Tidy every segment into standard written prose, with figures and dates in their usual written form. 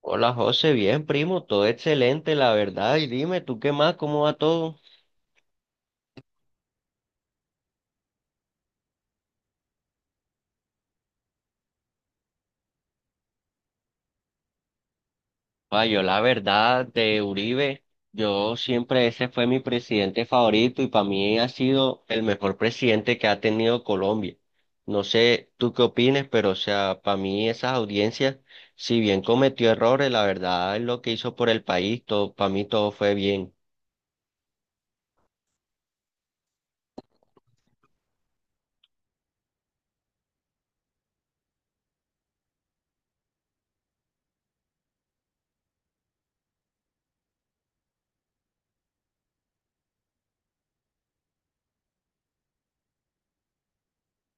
Hola José, bien primo, todo excelente, la verdad. Y dime, ¿tú qué más? ¿Cómo va todo? Pa, yo la verdad de Uribe, yo siempre ese fue mi presidente favorito y para mí ha sido el mejor presidente que ha tenido Colombia. No sé tú qué opines, pero o sea, para mí esas audiencias, si bien cometió errores, la verdad es lo que hizo por el país, todo, para mí todo fue bien.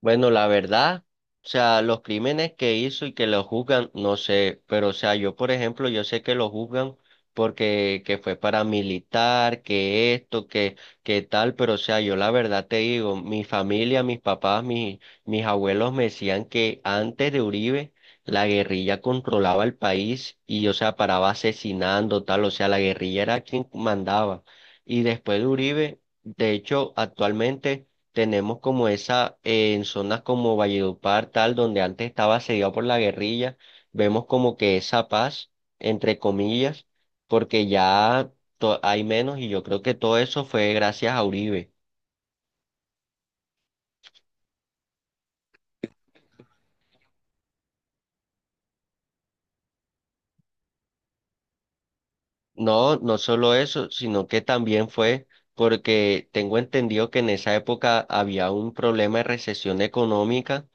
Bueno, la verdad, o sea, los crímenes que hizo y que lo juzgan, no sé, pero o sea, yo por ejemplo, yo sé que lo juzgan porque que fue paramilitar, que esto, que tal, pero o sea, yo la verdad te digo, mi familia, mis papás, mis abuelos me decían que antes de Uribe, la guerrilla controlaba el país y, o sea, paraba asesinando, tal, o sea, la guerrilla era quien mandaba. Y después de Uribe, de hecho, actualmente tenemos como esa, en zonas como Valledupar, tal, donde antes estaba asediado por la guerrilla, vemos como que esa paz, entre comillas, porque ya hay menos y yo creo que todo eso fue gracias a Uribe. No, no solo eso, sino que también fue porque tengo entendido que en esa época había un problema de recesión económica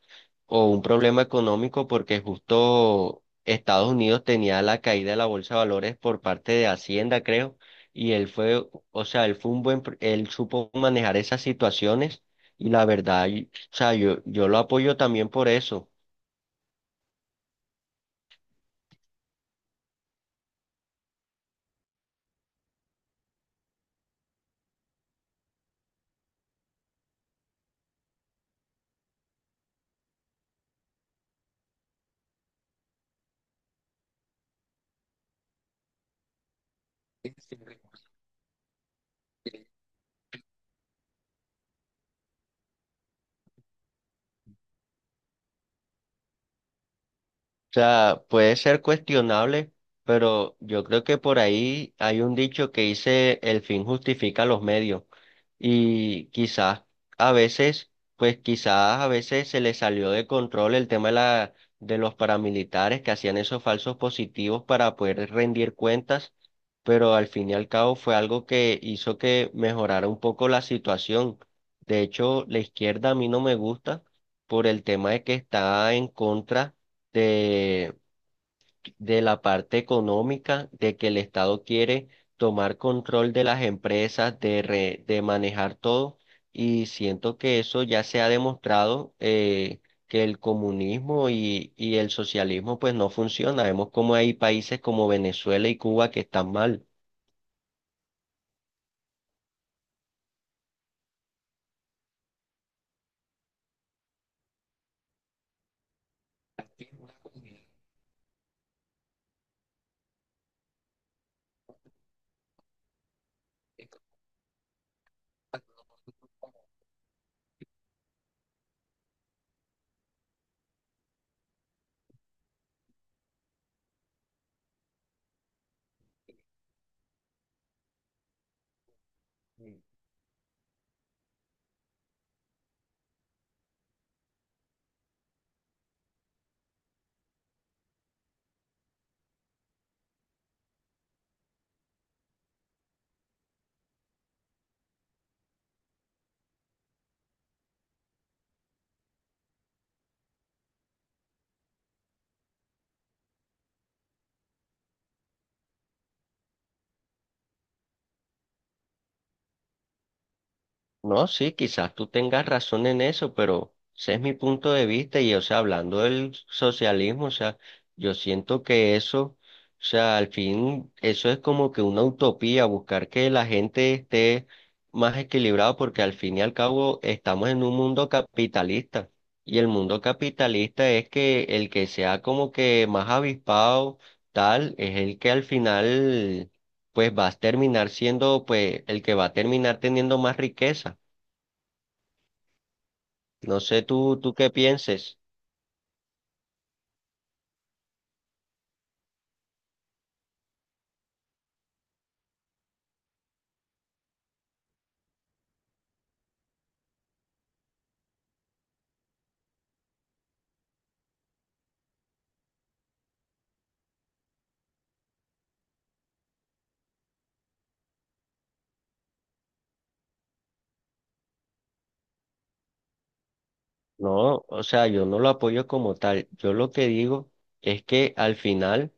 o un problema económico porque justo Estados Unidos tenía la caída de la bolsa de valores por parte de Hacienda, creo, y él fue, o sea, él fue un buen, él supo manejar esas situaciones y la verdad, o sea, yo lo apoyo también por eso. Sea, puede ser cuestionable, pero yo creo que por ahí hay un dicho que dice el fin justifica los medios. Y quizás a veces, pues quizás a veces se le salió de control el tema de la, de los paramilitares que hacían esos falsos positivos para poder rendir cuentas, pero al fin y al cabo fue algo que hizo que mejorara un poco la situación. De hecho, la izquierda a mí no me gusta por el tema de que está en contra de, de la parte económica, de que el Estado quiere tomar control de las empresas, de, de manejar todo, y siento que eso ya se ha demostrado que el comunismo y el socialismo pues no funciona. Vemos como hay países como Venezuela y Cuba que están mal. No, sí, quizás tú tengas razón en eso, pero ese es mi punto de vista y, o sea, hablando del socialismo, o sea, yo siento que eso, o sea, al fin, eso es como que una utopía, buscar que la gente esté más equilibrada, porque al fin y al cabo estamos en un mundo capitalista y el mundo capitalista es que el que sea como que más avispado, tal, es el que al final, pues va a terminar siendo, pues, el que va a terminar teniendo más riqueza. No sé tú qué pienses. No, o sea, yo no lo apoyo como tal. Yo lo que digo es que al final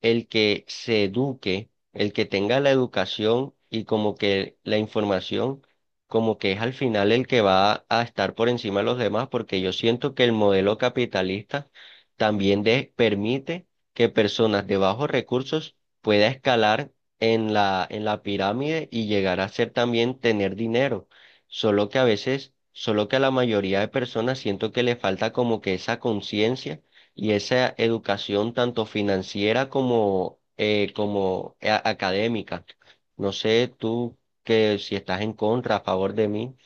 el que se eduque, el que tenga la educación y como que la información, como que es al final el que va a estar por encima de los demás, porque yo siento que el modelo capitalista también permite que personas de bajos recursos pueda escalar en la pirámide y llegar a ser también tener dinero. Solo que a veces, solo que a la mayoría de personas siento que le falta como que esa conciencia y esa educación tanto financiera como, como académica. No sé tú que si estás en contra, a favor de mí.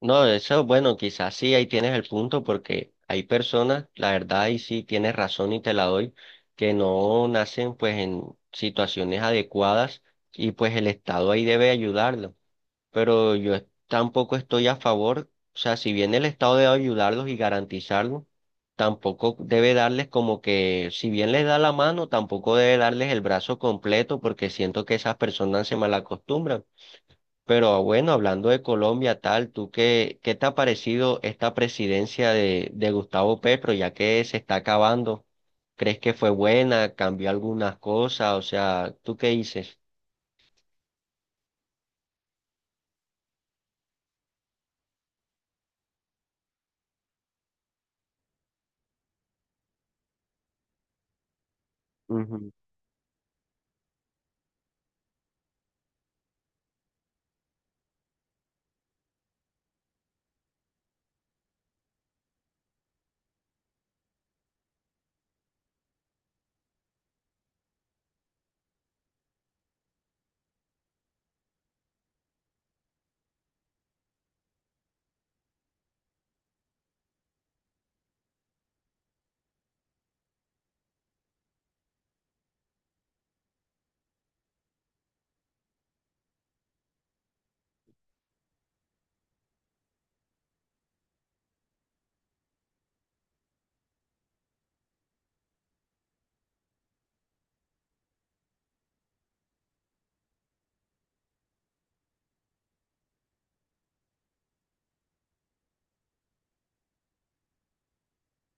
No, eso, bueno, quizás sí, ahí tienes el punto porque hay personas, la verdad, y sí tienes razón y te la doy, que no nacen pues en situaciones adecuadas y pues el Estado ahí debe ayudarlo. Pero yo tampoco estoy a favor, o sea, si bien el Estado debe ayudarlos y garantizarlos, tampoco debe darles como que, si bien les da la mano, tampoco debe darles el brazo completo porque siento que esas personas se malacostumbran. Pero ah, bueno, hablando de Colombia, tal, ¿tú qué, qué te ha parecido esta presidencia de Gustavo Petro, ya que se está acabando? ¿Crees que fue buena? ¿Cambió algunas cosas? O sea, ¿tú qué dices?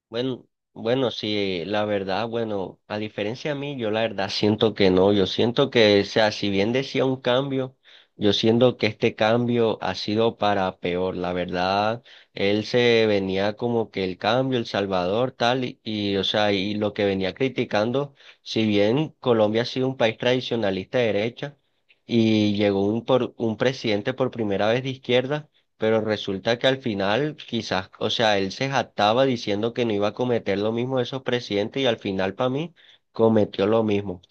Bueno, bueno, sí, la verdad, bueno, a diferencia a mí, yo la verdad siento que no, yo siento que, o sea, si bien decía un cambio, yo siento que este cambio ha sido para peor, la verdad, él se venía como que el cambio, El Salvador, tal, y, o sea, y lo que venía criticando, si bien Colombia ha sido un país tradicionalista de derecha y llegó un, por, un presidente por primera vez de izquierda, pero resulta que al final, quizás, o sea, él se jactaba diciendo que no iba a cometer lo mismo de esos presidentes y al final para mí cometió lo mismo.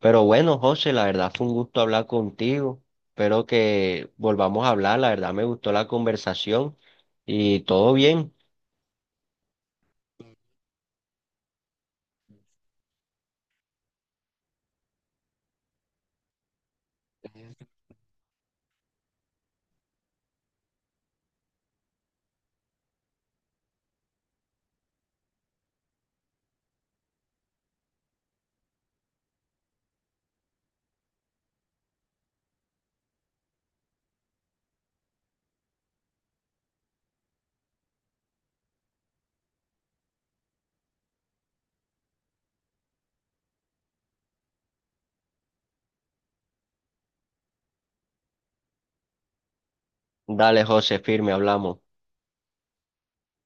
Pero bueno, José, la verdad fue un gusto hablar contigo. Espero que volvamos a hablar. La verdad me gustó la conversación y todo bien. Dale, José, firme, hablamos.